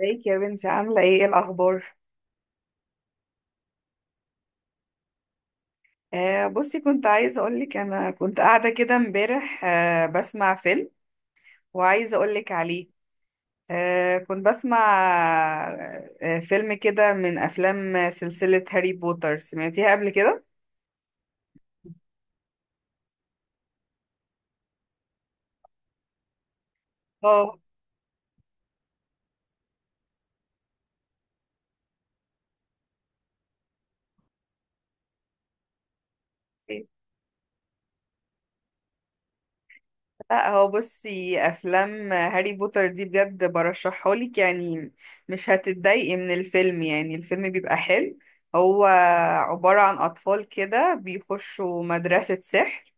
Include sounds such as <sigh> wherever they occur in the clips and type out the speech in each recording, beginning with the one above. ازيك يا بنتي، عاملة ايه؟ إيه الأخبار؟ آه، بصي كنت عايزة أقولك، أنا كنت قاعدة كده امبارح بسمع فيلم، وعايزة أقولك عليه. كنت بسمع فيلم كده من أفلام سلسلة هاري بوتر، سمعتيها قبل كده؟ اه، لا هو بصي، أفلام هاري بوتر دي بجد برشحهالك، يعني مش هتتضايقي من الفيلم، يعني الفيلم بيبقى حلو. هو عبارة عن أطفال كده بيخشوا مدرسة سحر،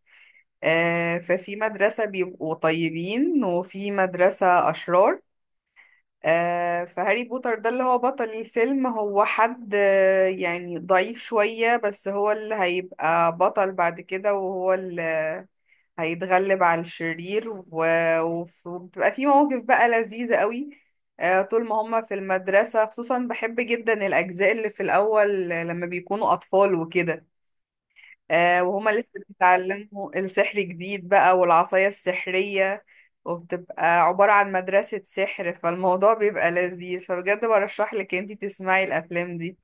ففي مدرسة بيبقوا طيبين وفي مدرسة أشرار، فهاري بوتر ده اللي هو بطل الفيلم، هو حد يعني ضعيف شوية، بس هو اللي هيبقى بطل بعد كده، وهو اللي هيتغلب على الشرير، و- وف- وبتبقى في مواقف بقى لذيذة قوي. طول ما هما في المدرسة، خصوصا بحب جدا الأجزاء اللي في الأول لما بيكونوا أطفال وكده، وهما لسه بيتعلموا السحر جديد بقى والعصاية السحرية، وبتبقى عبارة عن مدرسة سحر، فالموضوع بيبقى لذيذ، فبجد برشح لك انتي تسمعي الأفلام دي.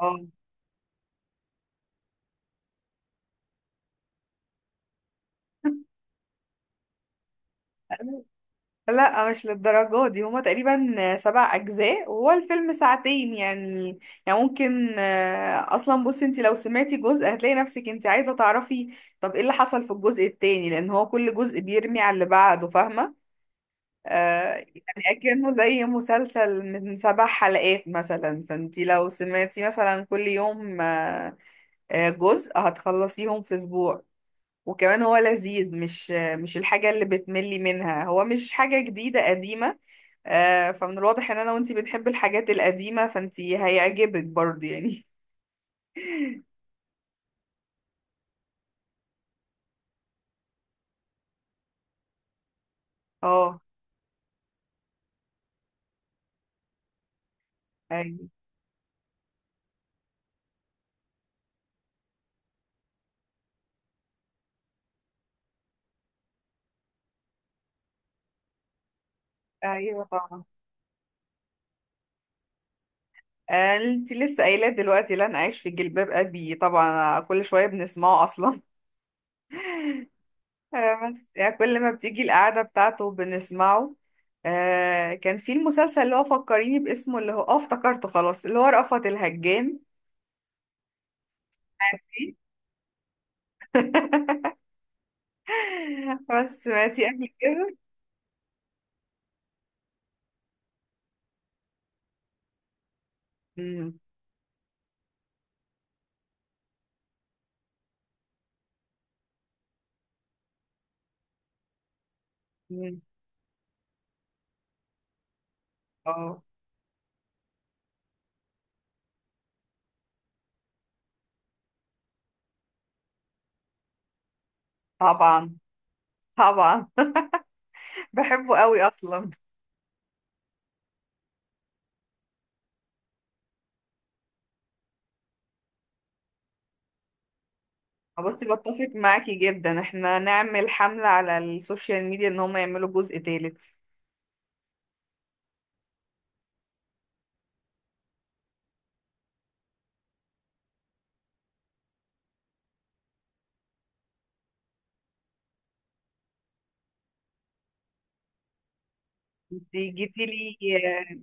اه، لا مش للدرجة دي، هما تقريبا 7 أجزاء وهو الفيلم ساعتين يعني ممكن أصلا بصي انتي لو سمعتي جزء هتلاقي نفسك انتي عايزة تعرفي طب ايه اللي حصل في الجزء التاني، لأن هو كل جزء بيرمي على اللي بعده، فاهمة؟ يعني أكنه زي مسلسل من 7 حلقات مثلا، فانتي لو سمعتي مثلا كل يوم جزء هتخلصيهم في أسبوع. وكمان هو لذيذ، مش الحاجة اللي بتملي منها، هو مش حاجة جديدة قديمة. فمن الواضح ان انا وانتي بنحب الحاجات القديمة، فانتي هيعجبك برضه يعني. <laughs> اه، ايوه، ايوه، طبعا. انتي لسه قايلة دلوقتي لن اعيش في جلباب ابي، طبعا كل شوية بنسمعه اصلا، بس يعني كل ما بتيجي القعدة بتاعته بنسمعه. كان في المسلسل اللي هو فكريني باسمه، اللي هو افتكرته خلاص، اللي هو رأفت الهجان. <laughs> بس سمعتي قبل كده؟ مم، مم. اه، طبعا، طبعا. <laughs> بحبه قوي اصلا. بصي بتفق معاكي جدا، احنا نعمل حملة على السوشيال ميديا ان هم يعملوا جزء تالت. دي جيتيلي،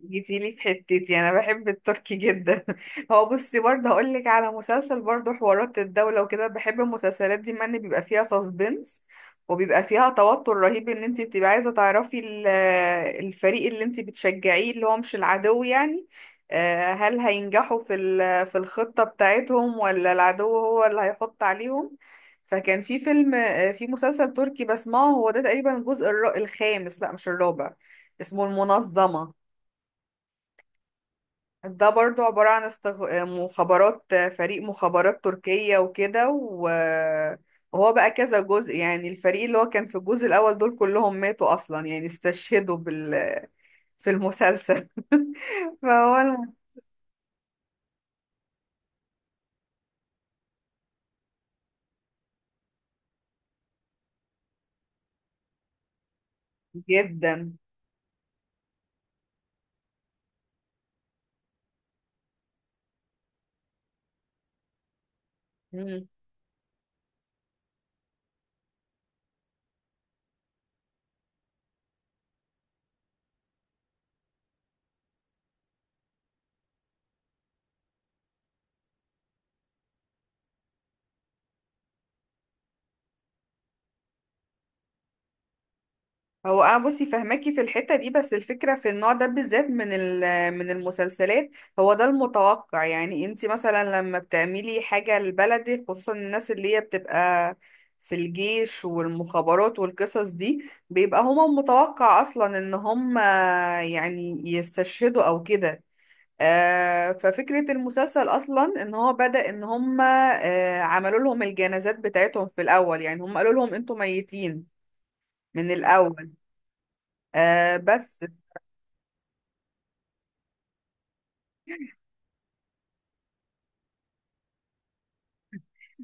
جيتيلي في حتتي، انا بحب التركي جدا. <laughs> هو بصي برضه هقول لك على مسلسل، برضه حوارات الدولة وكده، بحب المسلسلات دي من بيبقى فيها ساسبنس، وبيبقى فيها توتر رهيب ان انت بتبقى عايزة تعرفي الفريق اللي انت بتشجعيه اللي هو مش العدو يعني، هل هينجحوا في الخطة بتاعتهم ولا العدو هو اللي هيحط عليهم. فكان في فيلم، في مسلسل تركي بسمعه، هو ده تقريبا الجزء الخامس، لا مش الرابع، اسمه المنظمة. ده برضو عبارة عن مخابرات، فريق مخابرات تركية وكده و... وهو بقى كذا جزء، يعني الفريق اللي هو كان في الجزء الأول دول كلهم ماتوا أصلا، يعني استشهدوا في المسلسل. <laughs> فهو الم- جدا. هو انا بصي فهماكي في الحته دي، بس الفكره في النوع ده بالذات من المسلسلات، هو ده المتوقع، يعني انت مثلا لما بتعملي حاجه لبلدك، خصوصا الناس اللي هي بتبقى في الجيش والمخابرات والقصص دي، بيبقى هما متوقع اصلا ان هما يعني يستشهدوا او كده. ففكره المسلسل اصلا ان هو بدأ ان هما عملوا لهم الجنازات بتاعتهم في الاول، يعني هما قالوا لهم انتوا ميتين من الاول. بس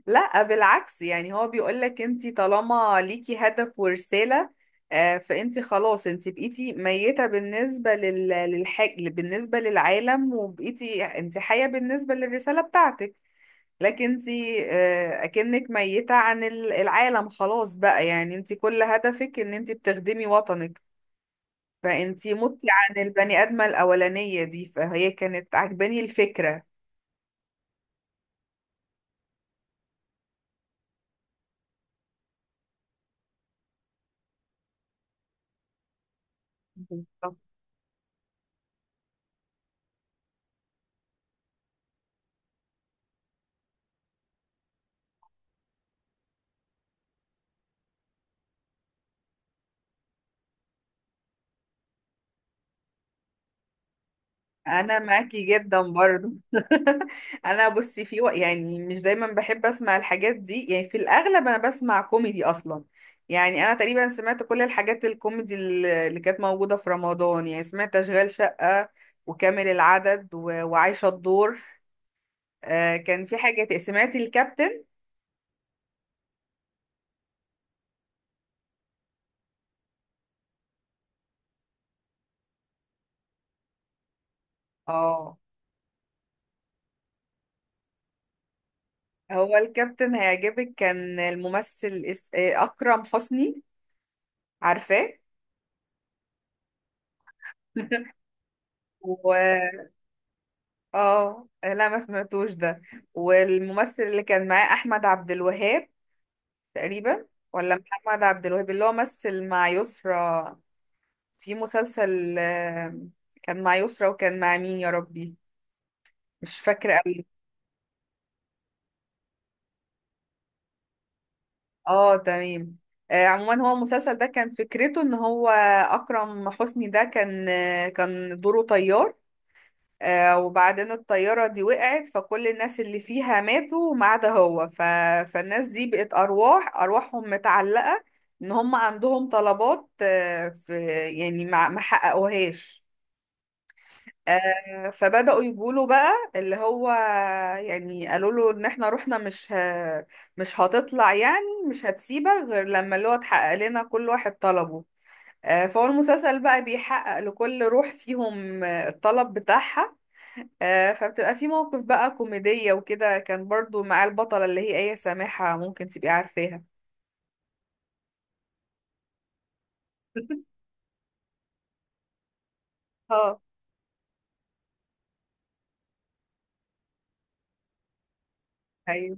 لا بالعكس، يعني هو بيقولك انت طالما ليكي هدف ورسالة، فانت خلاص، انت بقيتي ميتة بالنسبة للعالم، وبقيتي انت حية بالنسبة للرسالة بتاعتك، لكن انت اكنك ميتة عن العالم خلاص بقى، يعني انت كل هدفك ان انت بتخدمي وطنك، فانت متي عن البني آدمة الأولانية دي، فهي كانت عجباني الفكرة. بالظبط، انا معاكي جدا برضو. <laughs> انا بصي يعني مش دايما بحب اسمع الحاجات دي، يعني في الاغلب انا بسمع كوميدي اصلا، يعني انا تقريبا سمعت كل الحاجات الكوميدي اللي كانت موجودة في رمضان، يعني سمعت اشغال شقة وكامل العدد و... وعايشة الدور. كان في حاجة سمعت الكابتن. اه، هو الكابتن هيعجبك، كان الممثل اس... آه، اكرم حسني، عارفاه؟ <laughs> اه، لا ما سمعتوش ده، والممثل اللي كان معاه احمد عبد الوهاب تقريبا، ولا محمد عبد الوهاب اللي هو مثل مع يسرا في مسلسل، كان مع يسرا وكان مع مين يا ربي؟ مش فاكرة قوي. اه، تمام. عموما هو المسلسل ده كان فكرته ان هو، اكرم حسني ده كان دوره طيار، وبعدين الطيارة دي وقعت، فكل الناس اللي فيها ماتوا ما عدا هو، فالناس دي بقت أرواحهم متعلقة، إن هم عندهم طلبات، في، يعني ما حققوهاش. فبدأوا يقولوا بقى اللي هو، يعني قالوا له إن إحنا روحنا مش هتطلع، يعني مش هتسيبك غير لما اللي هو اتحقق لنا كل واحد طلبه. فهو المسلسل بقى بيحقق لكل روح فيهم الطلب بتاعها، فبتبقى في موقف بقى كوميدية وكده، كان برضو مع البطلة اللي هي آية سامحة، ممكن تبقي عارفاها. <laughs> اه، ايوه.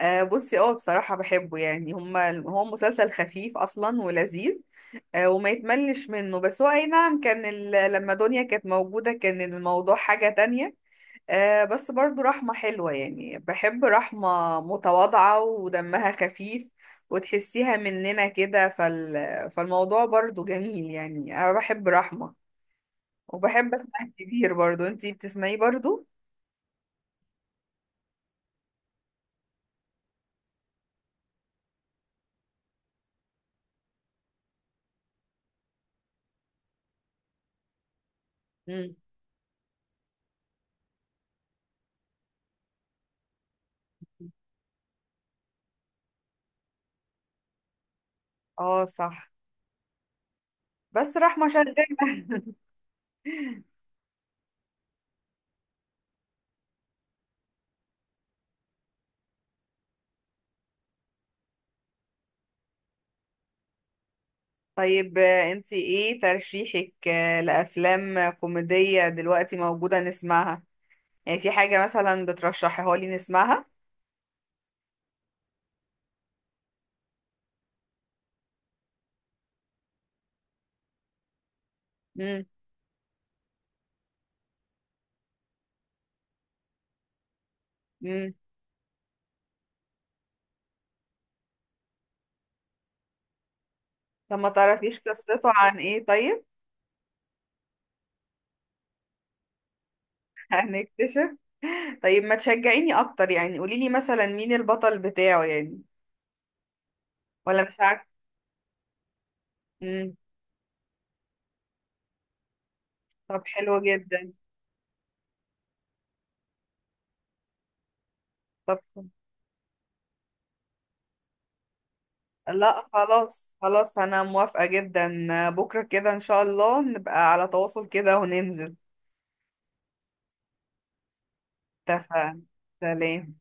آه، بصي بصراحة بحبه يعني، هو مسلسل خفيف أصلا ولذيذ وما يتملش منه، بس هو، أي نعم، كان لما دنيا كانت موجودة كان الموضوع حاجة تانية. بس برضو رحمة حلوة، يعني بحب رحمة متواضعة ودمها خفيف، وتحسيها مننا كده، فالموضوع برضو جميل، يعني أنا بحب رحمة، وبحب اسمع الكبير. برضو انتي بتسمعيه برضو؟ مم. اه، صح، بس رحمة شغالة. <laughs> طيب انتي ايه ترشيحك لأفلام كوميدية دلوقتي موجودة نسمعها؟ يعني في حاجة مثلا بترشحيها لي نسمعها؟ مم. مم. طب ما تعرفيش قصته عن ايه طيب. <laughs> هنكتشف. طيب ما تشجعيني اكتر، يعني قوليلي مثلا مين البطل بتاعه يعني، ولا مش عارفة؟ مم. طب حلو جدا. طب لا، خلاص خلاص انا موافقة جدا، بكرة كده ان شاء الله نبقى على تواصل كده وننزل. اتفقنا. سلام.